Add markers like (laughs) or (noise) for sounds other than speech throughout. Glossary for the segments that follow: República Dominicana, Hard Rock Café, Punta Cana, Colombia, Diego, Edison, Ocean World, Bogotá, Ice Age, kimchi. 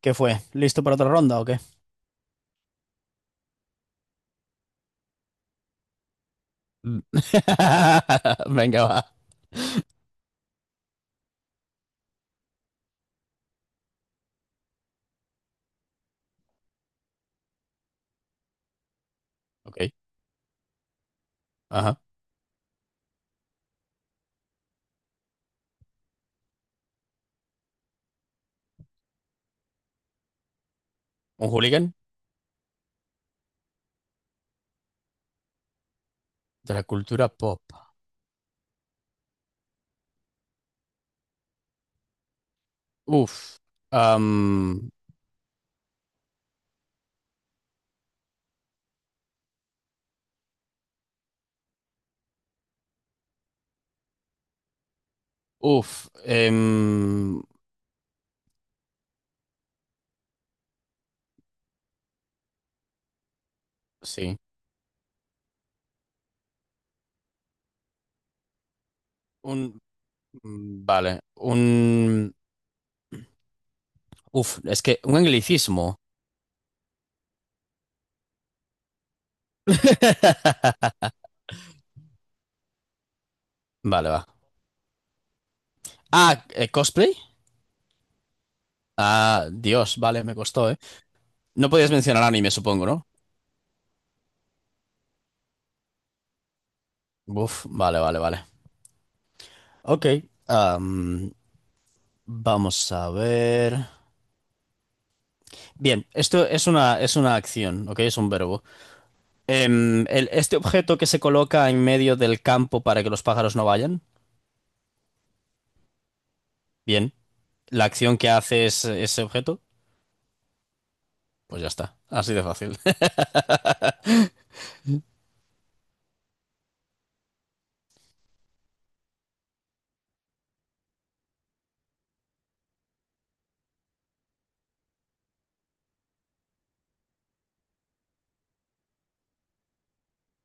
¿Qué fue? ¿Listo para otra ronda o qué? (laughs) Venga, va. Ok. Ajá. Un hooligan de la cultura pop. Uf. Am, uf. Em, sí. Un. Vale. Un. Uf. Es que un anglicismo. (laughs) Vale, va. Ah, cosplay. Ah, Dios, vale, me costó, ¿eh? No podías mencionar anime, supongo, ¿no? Uf, vale, vale, vale. Ok. am, Vamos a ver. Bien, es una acción, ¿ok? Es un verbo. Este objeto que se coloca en medio del campo para que los pájaros no vayan, bien. La acción que hace es ese objeto, pues ya está. Así de fácil.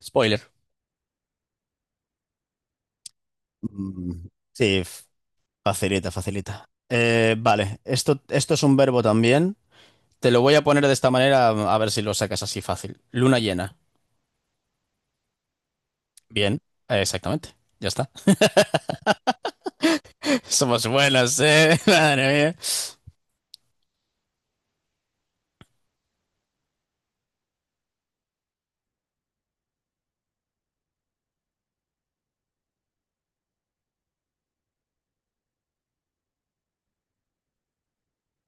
(laughs) Spoiler. Mm, Sí, facilita, facilita. Esto es un verbo también. Te lo voy a poner de esta manera a ver si lo sacas así fácil. Luna llena. Bien, exactamente. Ya está. (laughs) Somos buenas, ¿eh? (laughs) Madre mía.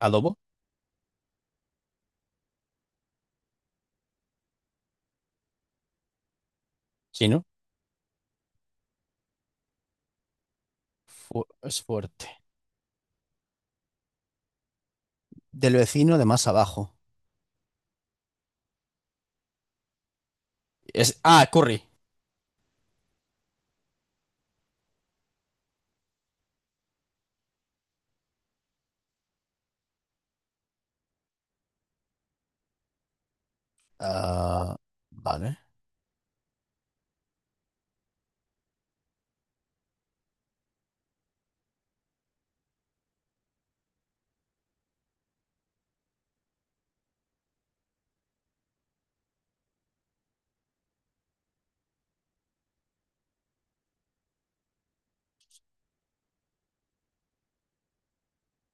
Adobo, chino, es fuerte. Del vecino de más abajo. Es, ah, Curry. Ah, vale.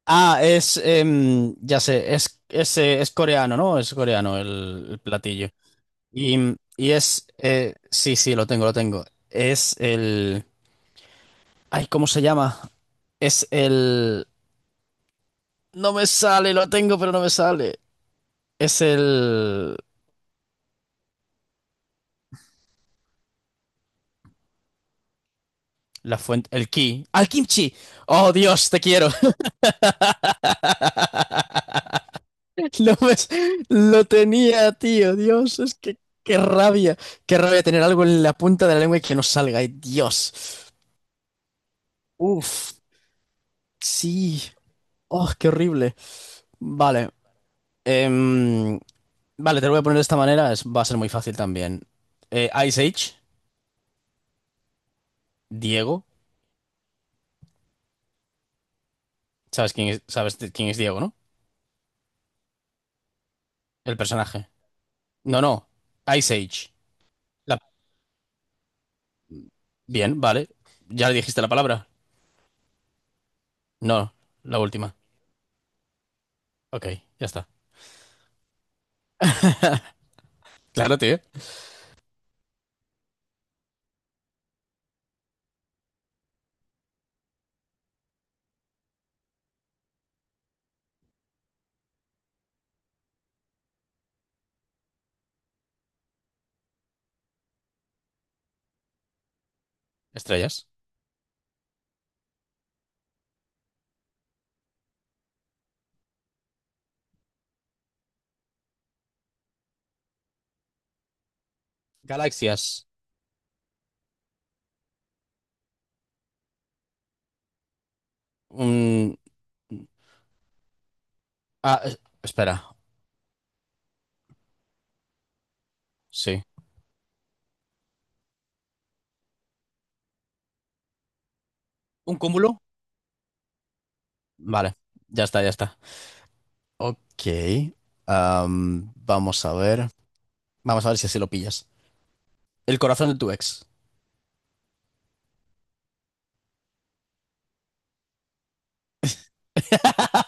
Ah, ya sé, es coreano, ¿no? Es coreano el platillo. Y, es, sí, sí, lo tengo, lo tengo. Es el... Ay, ¿cómo se llama? Es el... No me sale, lo tengo, pero no me sale. Es el... La fuente, el ki. ¡Al kimchi! ¡Oh, Dios, te quiero! (laughs) Lo, ves, lo tenía, tío. Dios, es que qué rabia. Qué rabia tener algo en la punta de la lengua y que no salga. Ay, Dios. Uf, sí. Oh, qué horrible. Vale. em, vale, te lo voy a poner de esta manera. Va a ser muy fácil también. Ice Age, Diego. ¿Sabes quién es, quién es Diego, no? El personaje. No, no. Ice Age. La- Bien, vale. ¿Ya le dijiste la palabra? No, la última. Ok, ya está. Claro, tío. Estrellas. Galaxias. Un... Ah, espera, sí. ¿Un cúmulo? Vale, ya está, ya está. Ok. Vamos a ver. Vamos a ver si así lo pillas. El corazón de tu ex.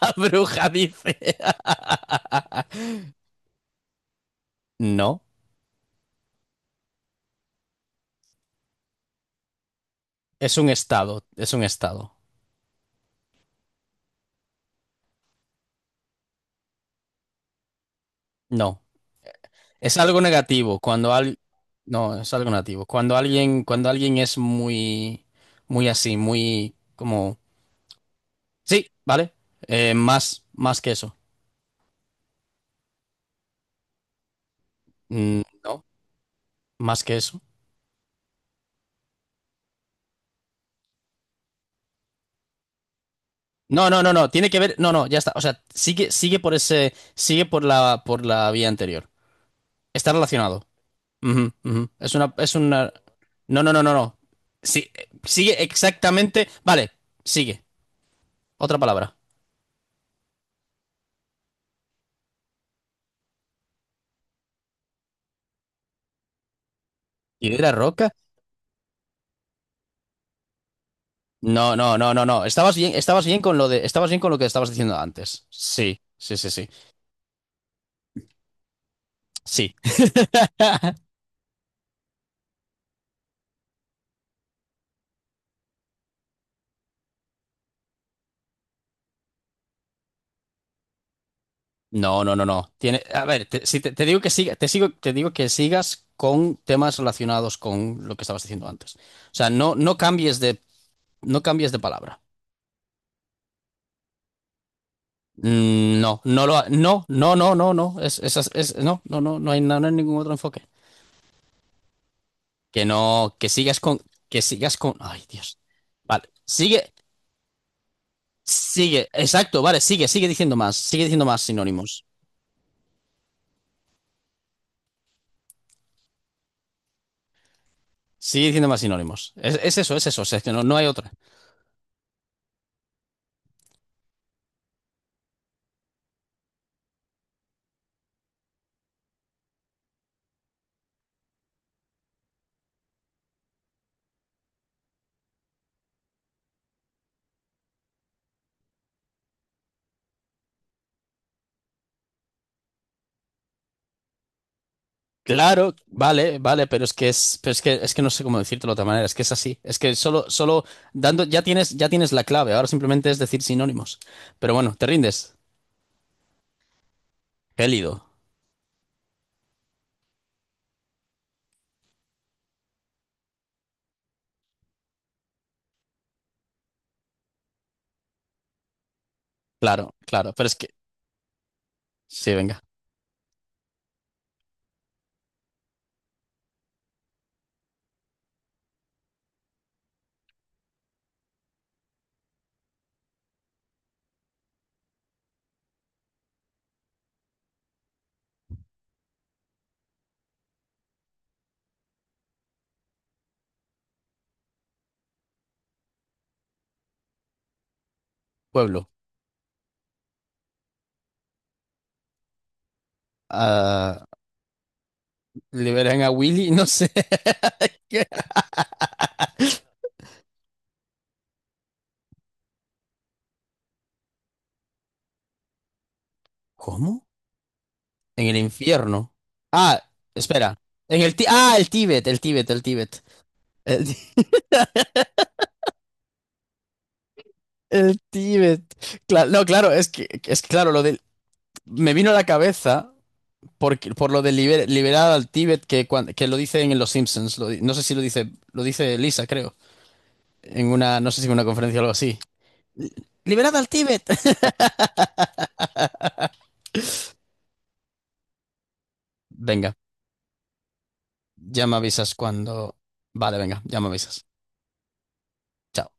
(laughs) Bruja dice. No, es un estado. No, es algo negativo cuando al... No, es algo negativo. Cuando alguien es muy, muy así, muy como... Sí, vale. Más, más que eso. No, más que eso. No, no, no, no. Tiene que ver. No, no, ya está. O sea, sigue, sigue por ese. Sigue por la vía anterior. Está relacionado. Ujú, ujú. Es una, es una. No, no, no, no, no. Sí, sigue exactamente. Vale, sigue. Otra palabra. ¿Piedra roca? No, no, no, no, no. Estabas bien, estabas bien con lo que estabas diciendo antes. Sí, sí, sí, sí. Sí. (laughs) No, no, no, no. A ver, te, si te, te digo que siga, te sigo, te digo que sigas con temas relacionados con lo que estabas diciendo antes. O sea, no cambies de, no cambies de palabra. No, no, no, no, no, no. No, no, no, no hay ningún otro enfoque. Que no, que sigas con, que sigas con. Ay, Dios. Vale, sigue, sigue, exacto, vale, sigue, sigue diciendo más sinónimos. Sigue diciendo más sinónimos. Es eso, es eso. O sea, es que no, no hay otra. Claro, vale, vale, pero es que no sé cómo decírtelo de otra manera, es que es así, es que solo, solo dando, ya tienes la clave, ahora simplemente es decir sinónimos. Pero bueno, te rindes, gélido, claro, claro, pero es que, sí, venga, pueblo, ah, liberan a Willy, no sé. (laughs) ¿Cómo? En el infierno. Ah, espera, ah, el Tíbet. El, Tí- el Tíbet. Claro, no, claro, claro, lo del, me vino a la cabeza. Por por lo de liberar al Tíbet que, que lo dicen en Los Simpsons. No sé si lo dice, lo dice Lisa, creo. En una, no sé si en una conferencia o algo así. Li- ¡Liberad al Tíbet! (laughs) Venga, ya me avisas cuando. Vale, venga, ya me avisas. Chao.